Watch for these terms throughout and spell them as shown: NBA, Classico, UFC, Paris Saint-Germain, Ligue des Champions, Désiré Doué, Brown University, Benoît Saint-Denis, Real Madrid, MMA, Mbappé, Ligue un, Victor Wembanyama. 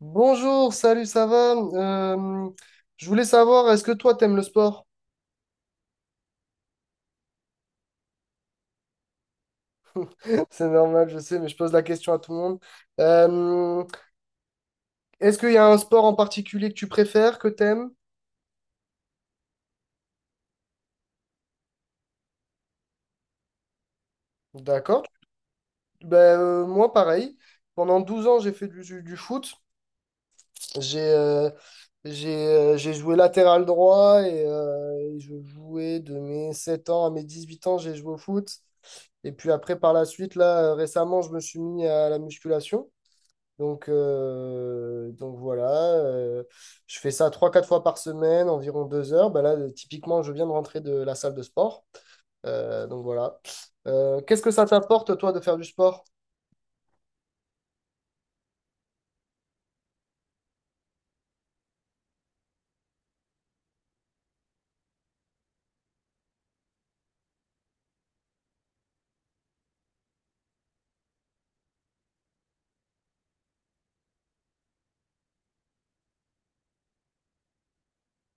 Bonjour, salut, ça va? Je voulais savoir, est-ce que toi, t'aimes le sport? C'est normal, je sais, mais je pose la question à tout le monde. Euh, Est-ce qu'il y a un sport en particulier que tu préfères, que t'aimes? D'accord. Moi, pareil. Pendant 12 ans, j'ai fait du foot. J'ai euh, j'ai joué latéral droit et je jouais de mes 7 ans à mes 18 ans, j'ai joué au foot. Et puis après, par la suite, là, récemment, je me suis mis à la musculation. Donc voilà, euh, je fais ça trois quatre fois par semaine, environ 2 heures. Bah là, typiquement, je viens de rentrer de la salle de sport. Donc voilà. Qu'est-ce que ça t'apporte, toi, de faire du sport?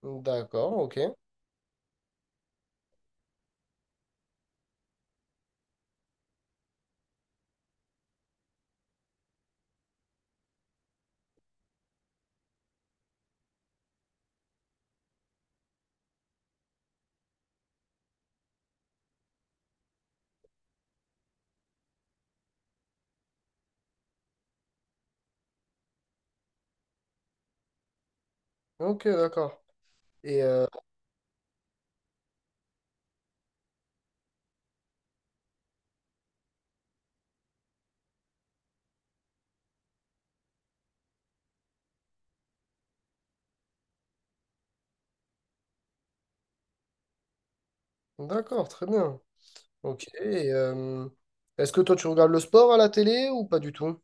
D'accord, ok. Ok, d'accord. Et d'accord, très bien. Ok. Et, est-ce que toi, tu regardes le sport à la télé ou pas du tout?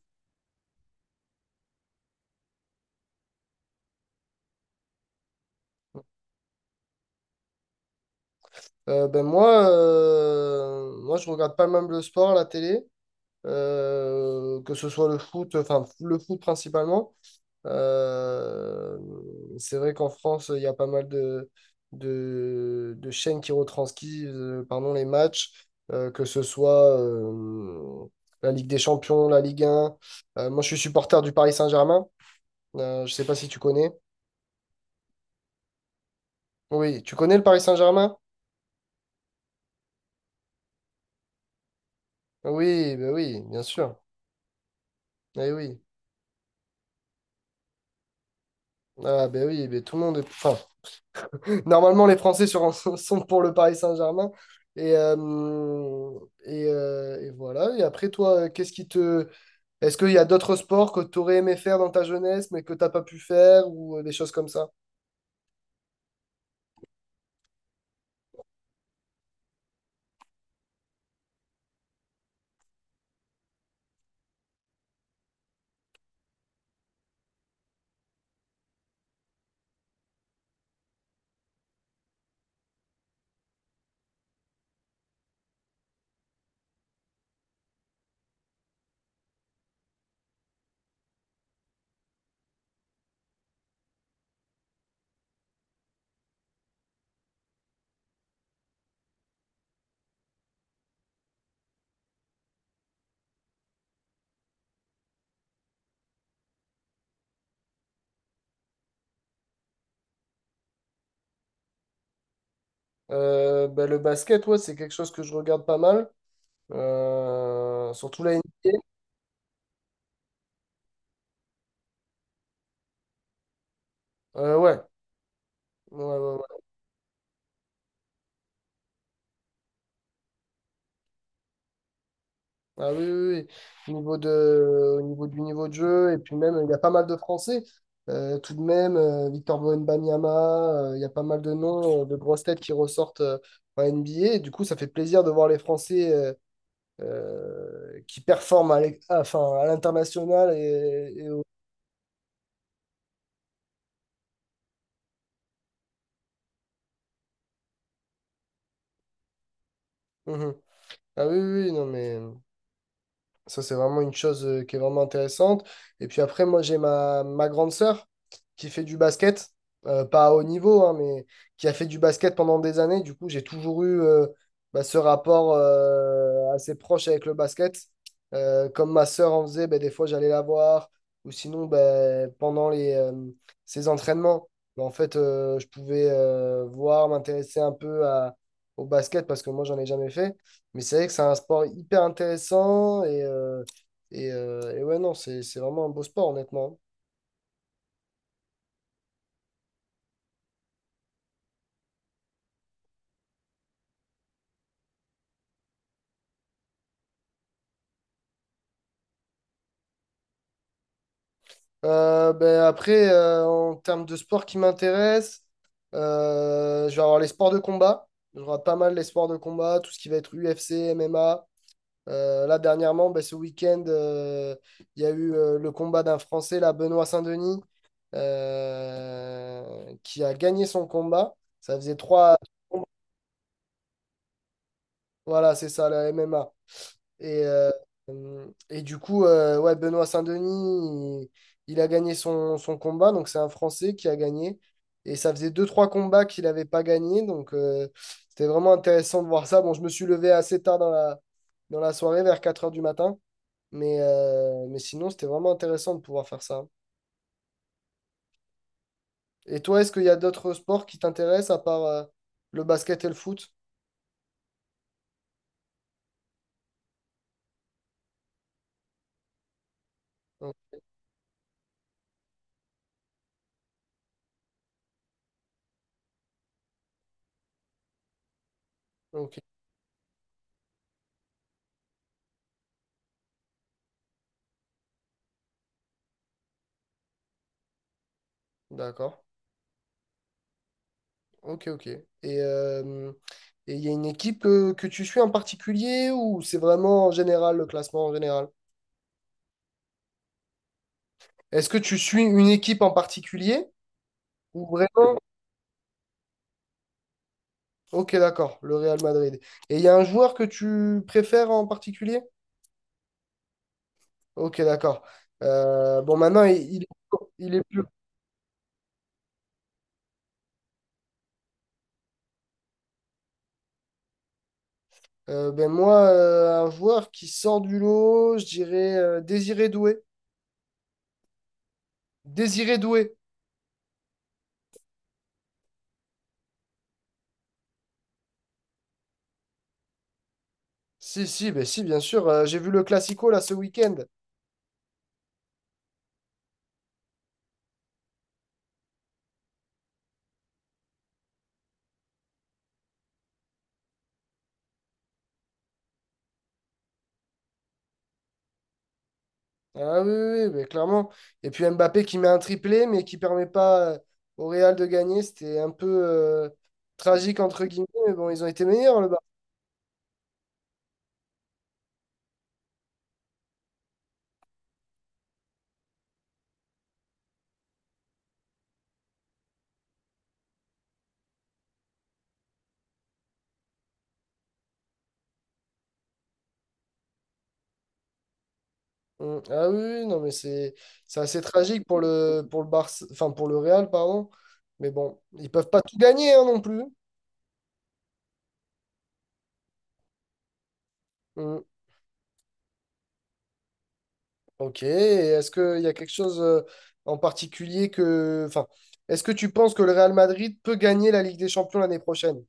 Moi, je regarde pas même le sport à la télé, que ce soit le foot, enfin le foot principalement. Euh, c'est vrai qu'en France, il y a pas mal de, de chaînes qui retranscrivent, pardon, les matchs, que ce soit la Ligue des Champions, la Ligue 1. Moi, je suis supporter du Paris Saint-Germain. Je sais pas si tu connais. Oui, tu connais le Paris Saint-Germain? Oui, ben oui, bien sûr. Eh oui. Ah ben oui, ben tout le monde est... Enfin, normalement les sont pour le Paris Saint-Germain. Et, et voilà. Et après toi, qu'est-ce qui te... Est-ce qu'il y a d'autres sports que tu aurais aimé faire dans ta jeunesse mais que t'as pas pu faire ou des choses comme ça? Ben, le basket, ouais, c'est quelque chose que je regarde pas mal. Surtout la NBA. Ouais. Ouais, ouais, ouais. Ah oui, oui, oui. Au niveau du niveau de jeu, et puis même, il y a pas mal de Français. Tout de même, Victor Wembanyama, il y a pas mal de noms, de grosses têtes qui ressortent en NBA. Et du coup, ça fait plaisir de voir les Français qui performent enfin, à l'international. Mhm. Ah oui, oui, oui, non, mais. Ça, c'est vraiment une chose qui est vraiment intéressante. Et puis après, moi, j'ai ma grande sœur qui fait du basket, pas à haut niveau, hein, mais qui a fait du basket pendant des années. Du coup, j'ai toujours eu bah, ce rapport assez proche avec le basket. Comme ma sœur en faisait, bah, des fois, j'allais la voir. Ou sinon, bah, pendant ses entraînements, bah, en fait, je pouvais voir, m'intéresser un peu au basket parce que moi, j'en ai jamais fait. Mais c'est vrai que c'est un sport hyper intéressant et, et ouais, non, c'est vraiment un beau sport, honnêtement. Ben après, en termes de sport qui m'intéresse, je vais avoir les sports de combat. Je regarde pas mal les sports de combat, tout ce qui va être UFC, MMA. Là, dernièrement, ben, ce week-end, il y a eu le combat d'un Français, là, Benoît Saint-Denis, qui a gagné son combat. Ça faisait trois. Voilà, c'est ça, la MMA. Et, euh, et du coup, ouais, Benoît Saint-Denis, il a gagné son combat. Donc, c'est un Français qui a gagné. Et ça faisait deux trois combats qu'il n'avait pas gagné. Donc, c'était vraiment intéressant de voir ça. Bon, je me suis levé assez tard dans dans la soirée, vers 4 heures du matin. Mais sinon, c'était vraiment intéressant de pouvoir faire ça. Et toi, est-ce qu'il y a d'autres sports qui t'intéressent à part le basket et le foot? Oh, ok, d'accord. Ok, ok. Euh, et il y a une équipe que tu suis en particulier ou c'est vraiment en général le classement en général? Est-ce que tu suis une équipe en particulier ou vraiment? Ok, d'accord, le Real Madrid. Et il y a un joueur que tu préfères en particulier? Ok, d'accord. Bon, maintenant, il est plus. Un joueur qui sort du lot, je dirais Désiré Doué. Désiré Doué. Si, si, ben si, bien sûr. Euh, j'ai vu le Classico là ce week-end. Ah oui, oui, oui, mais clairement. Et puis Mbappé qui met un triplé, mais qui permet pas au Real de gagner. C'était un peu tragique, entre guillemets, mais bon, ils ont été meilleurs, le Bar. Mm. Ah oui, oui, non, mais c'est assez tragique pour le Barça, enfin, pour le Real, pardon. Mais bon, ils peuvent pas tout gagner, hein, non plus. Mm. Ok, et est-ce qu'il y a quelque chose en particulier que... Enfin, est-ce que tu penses que le Real Madrid peut gagner la Ligue des Champions l'année prochaine?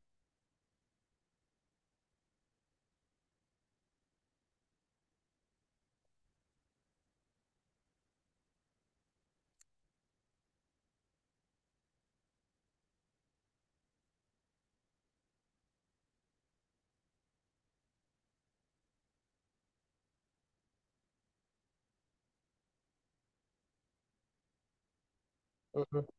Mm, mm.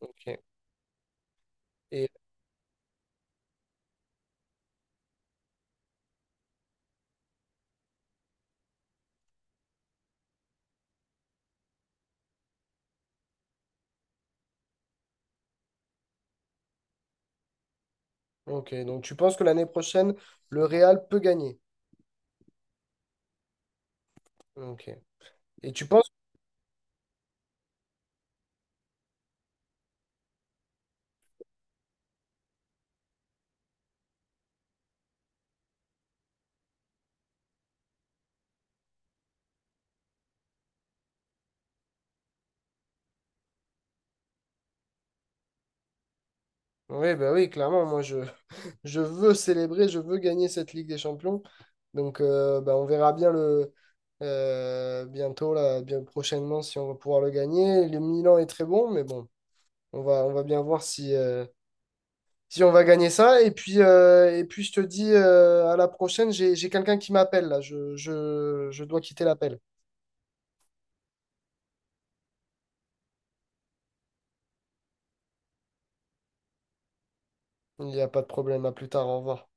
Ok. Et. Ok, donc tu penses que l'année prochaine, le Real peut gagner. Ok. Et tu penses... Oui, bah oui, clairement, moi je, je veux célébrer, je veux gagner cette Ligue des Champions. Donc bah, on verra bien le bientôt, là, bien prochainement, si on va pouvoir le gagner. Le Milan est très bon, mais bon, on va bien voir si, si on va gagner ça. Et puis je te dis à la prochaine, j'ai quelqu'un qui m'appelle là. Je dois quitter l'appel. Il n'y a pas de problème, à plus tard, au revoir.